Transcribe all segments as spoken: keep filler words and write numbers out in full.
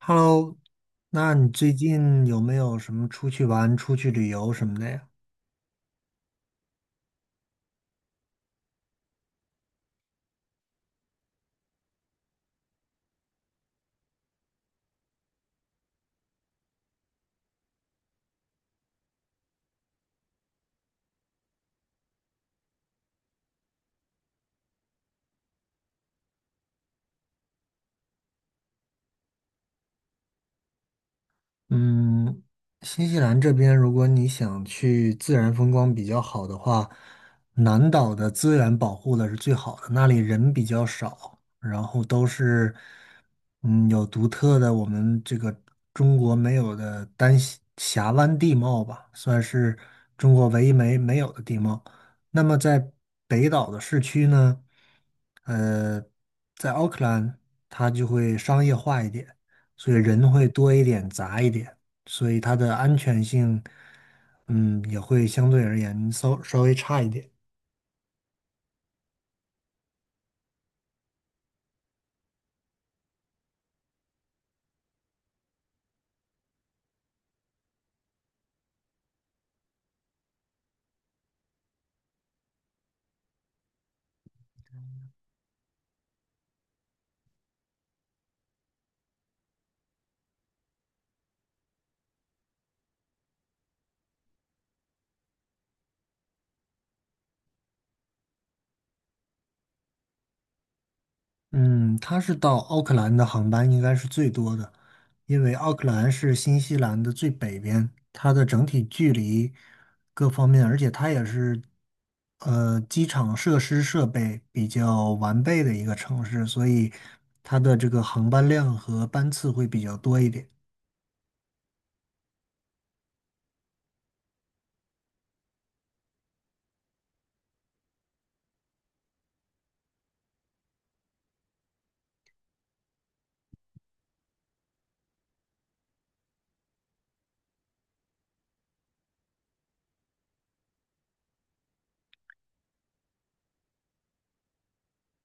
Hello，那你最近有没有什么出去玩、出去旅游什么的呀？嗯，新西兰这边，如果你想去自然风光比较好的话，南岛的资源保护的是最好的，那里人比较少，然后都是嗯有独特的我们这个中国没有的丹西峡湾地貌吧，算是中国唯一没没有的地貌。那么在北岛的市区呢，呃，在奥克兰它就会商业化一点。所以人会多一点、杂一点，所以它的安全性，嗯，也会相对而言稍稍微差一点。嗯，它是到奥克兰的航班应该是最多的，因为奥克兰是新西兰的最北边，它的整体距离各方面，而且它也是呃机场设施设备比较完备的一个城市，所以它的这个航班量和班次会比较多一点。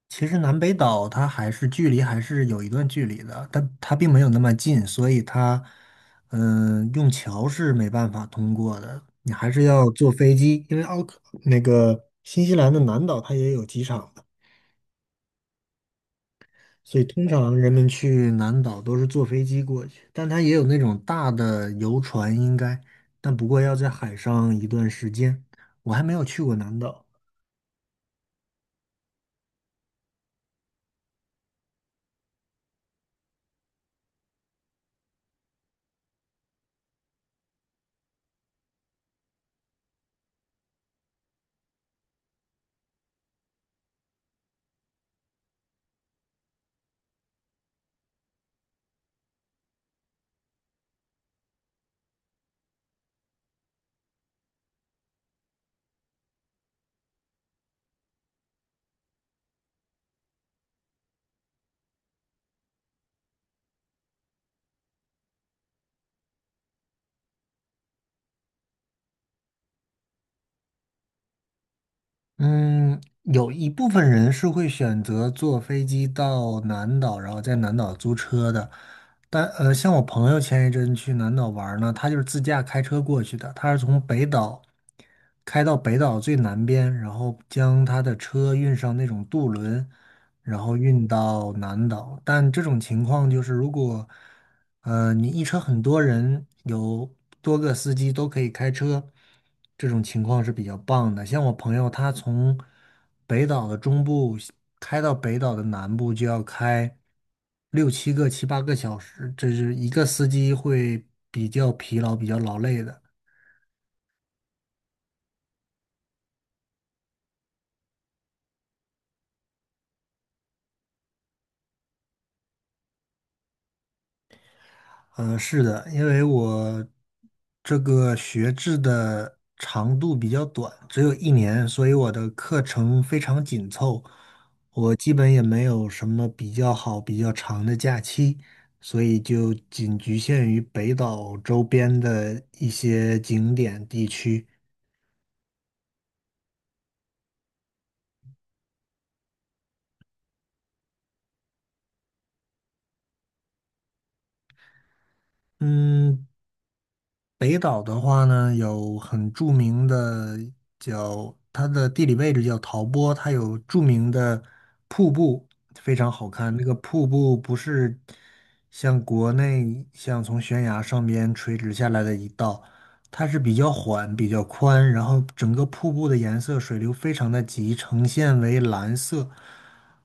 其实南北岛它还是距离还是有一段距离的，但它并没有那么近，所以它，嗯、用桥是没办法通过的，你还是要坐飞机，因为奥克那个新西兰的南岛它也有机场的，所以通常人们去南岛都是坐飞机过去，但它也有那种大的游船应该，但不过要在海上一段时间，我还没有去过南岛。嗯，有一部分人是会选择坐飞机到南岛，然后在南岛租车的。但呃，像我朋友前一阵去南岛玩儿呢，他就是自驾开车过去的，他是从北岛开到北岛最南边，然后将他的车运上那种渡轮，然后运到南岛。但这种情况就是，如果呃，你一车很多人，有多个司机都可以开车，这种情况是比较棒的。像我朋友，他从北岛的中部开到北岛的南部，就要开六七个、七八个小时，这是一个司机会比较疲劳、比较劳累的。嗯，是的，因为我这个学制的长度比较短，只有一年，所以我的课程非常紧凑，我基本也没有什么比较好、比较长的假期，所以就仅局限于北岛周边的一些景点地区。嗯，北岛的话呢，有很著名的叫它的地理位置叫陶波，它有著名的瀑布，非常好看。那个瀑布不是像国内像从悬崖上边垂直下来的一道，它是比较缓、比较宽，然后整个瀑布的颜色、水流非常的急，呈现为蓝色。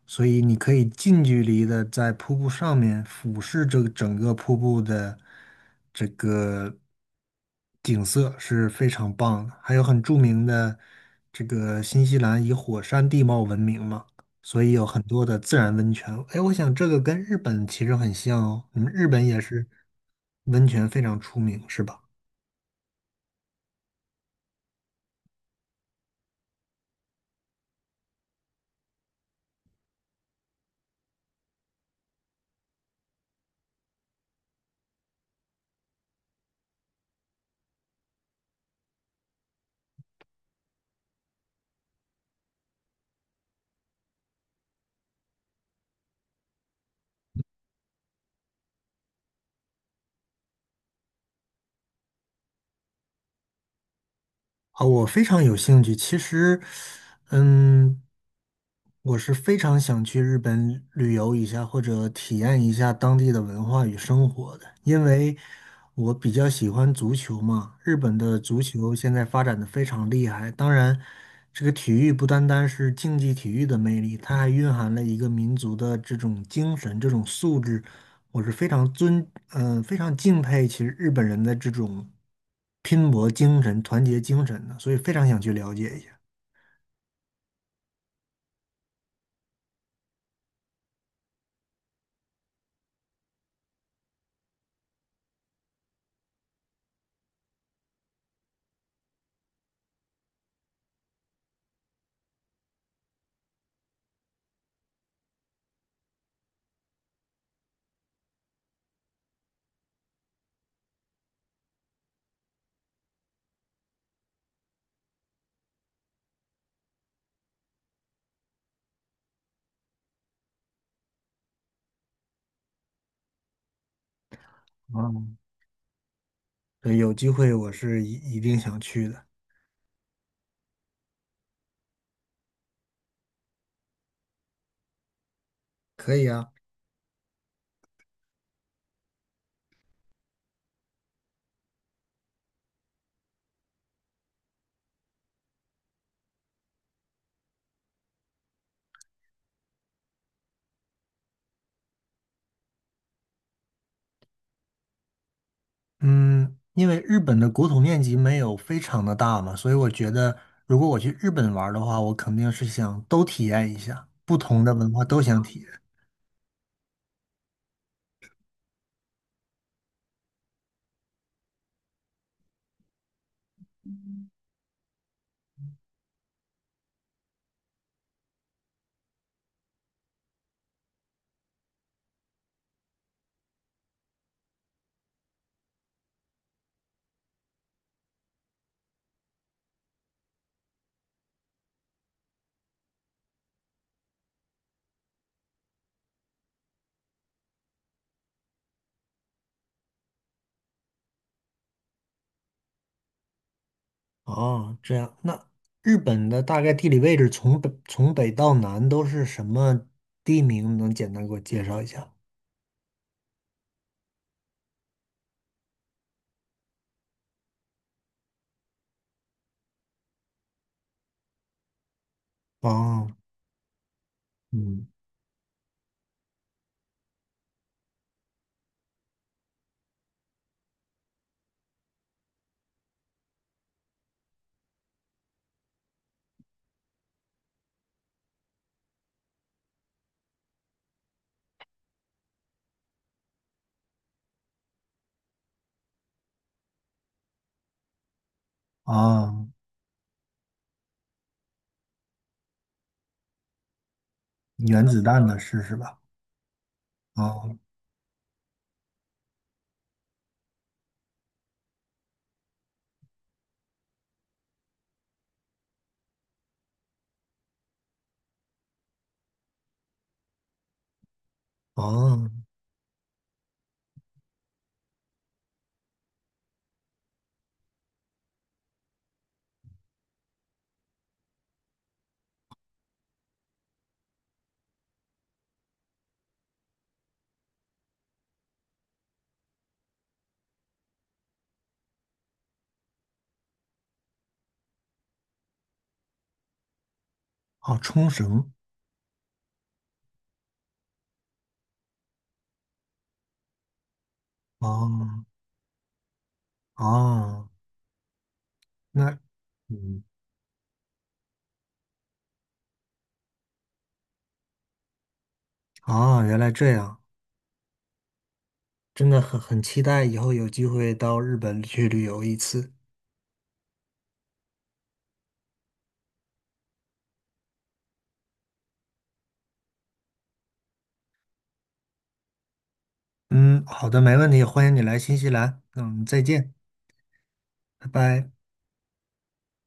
所以你可以近距离的在瀑布上面俯视这个整个瀑布的这个景色是非常棒的，还有很著名的这个新西兰以火山地貌闻名嘛，所以有很多的自然温泉。哎，我想这个跟日本其实很像哦，你们日本也是温泉非常出名，是吧？啊，我非常有兴趣。其实，嗯，我是非常想去日本旅游一下，或者体验一下当地的文化与生活的，因为我比较喜欢足球嘛。日本的足球现在发展的非常厉害，当然，这个体育不单单是竞技体育的魅力，它还蕴含了一个民族的这种精神、这种素质。我是非常尊，嗯、非常敬佩其实日本人的这种。拼搏精神、团结精神的，所以非常想去了解一下。嗯，对，有机会我是一一定想去的。可以啊，嗯，因为日本的国土面积没有非常的大嘛，所以我觉得如果我去日本玩儿的话，我肯定是想都体验一下，不同的文化都想体验。哦，这样，那日本的大概地理位置从北从北到南都是什么地名？能简单给我介绍一下？哦，嗯，啊，原子弹的事是吧？哦哦哦，冲绳哦哦，那嗯哦，原来这样，真的很很期待以后有机会到日本去旅游一次。嗯，好的，没问题，欢迎你来新西兰。嗯，再见，拜拜。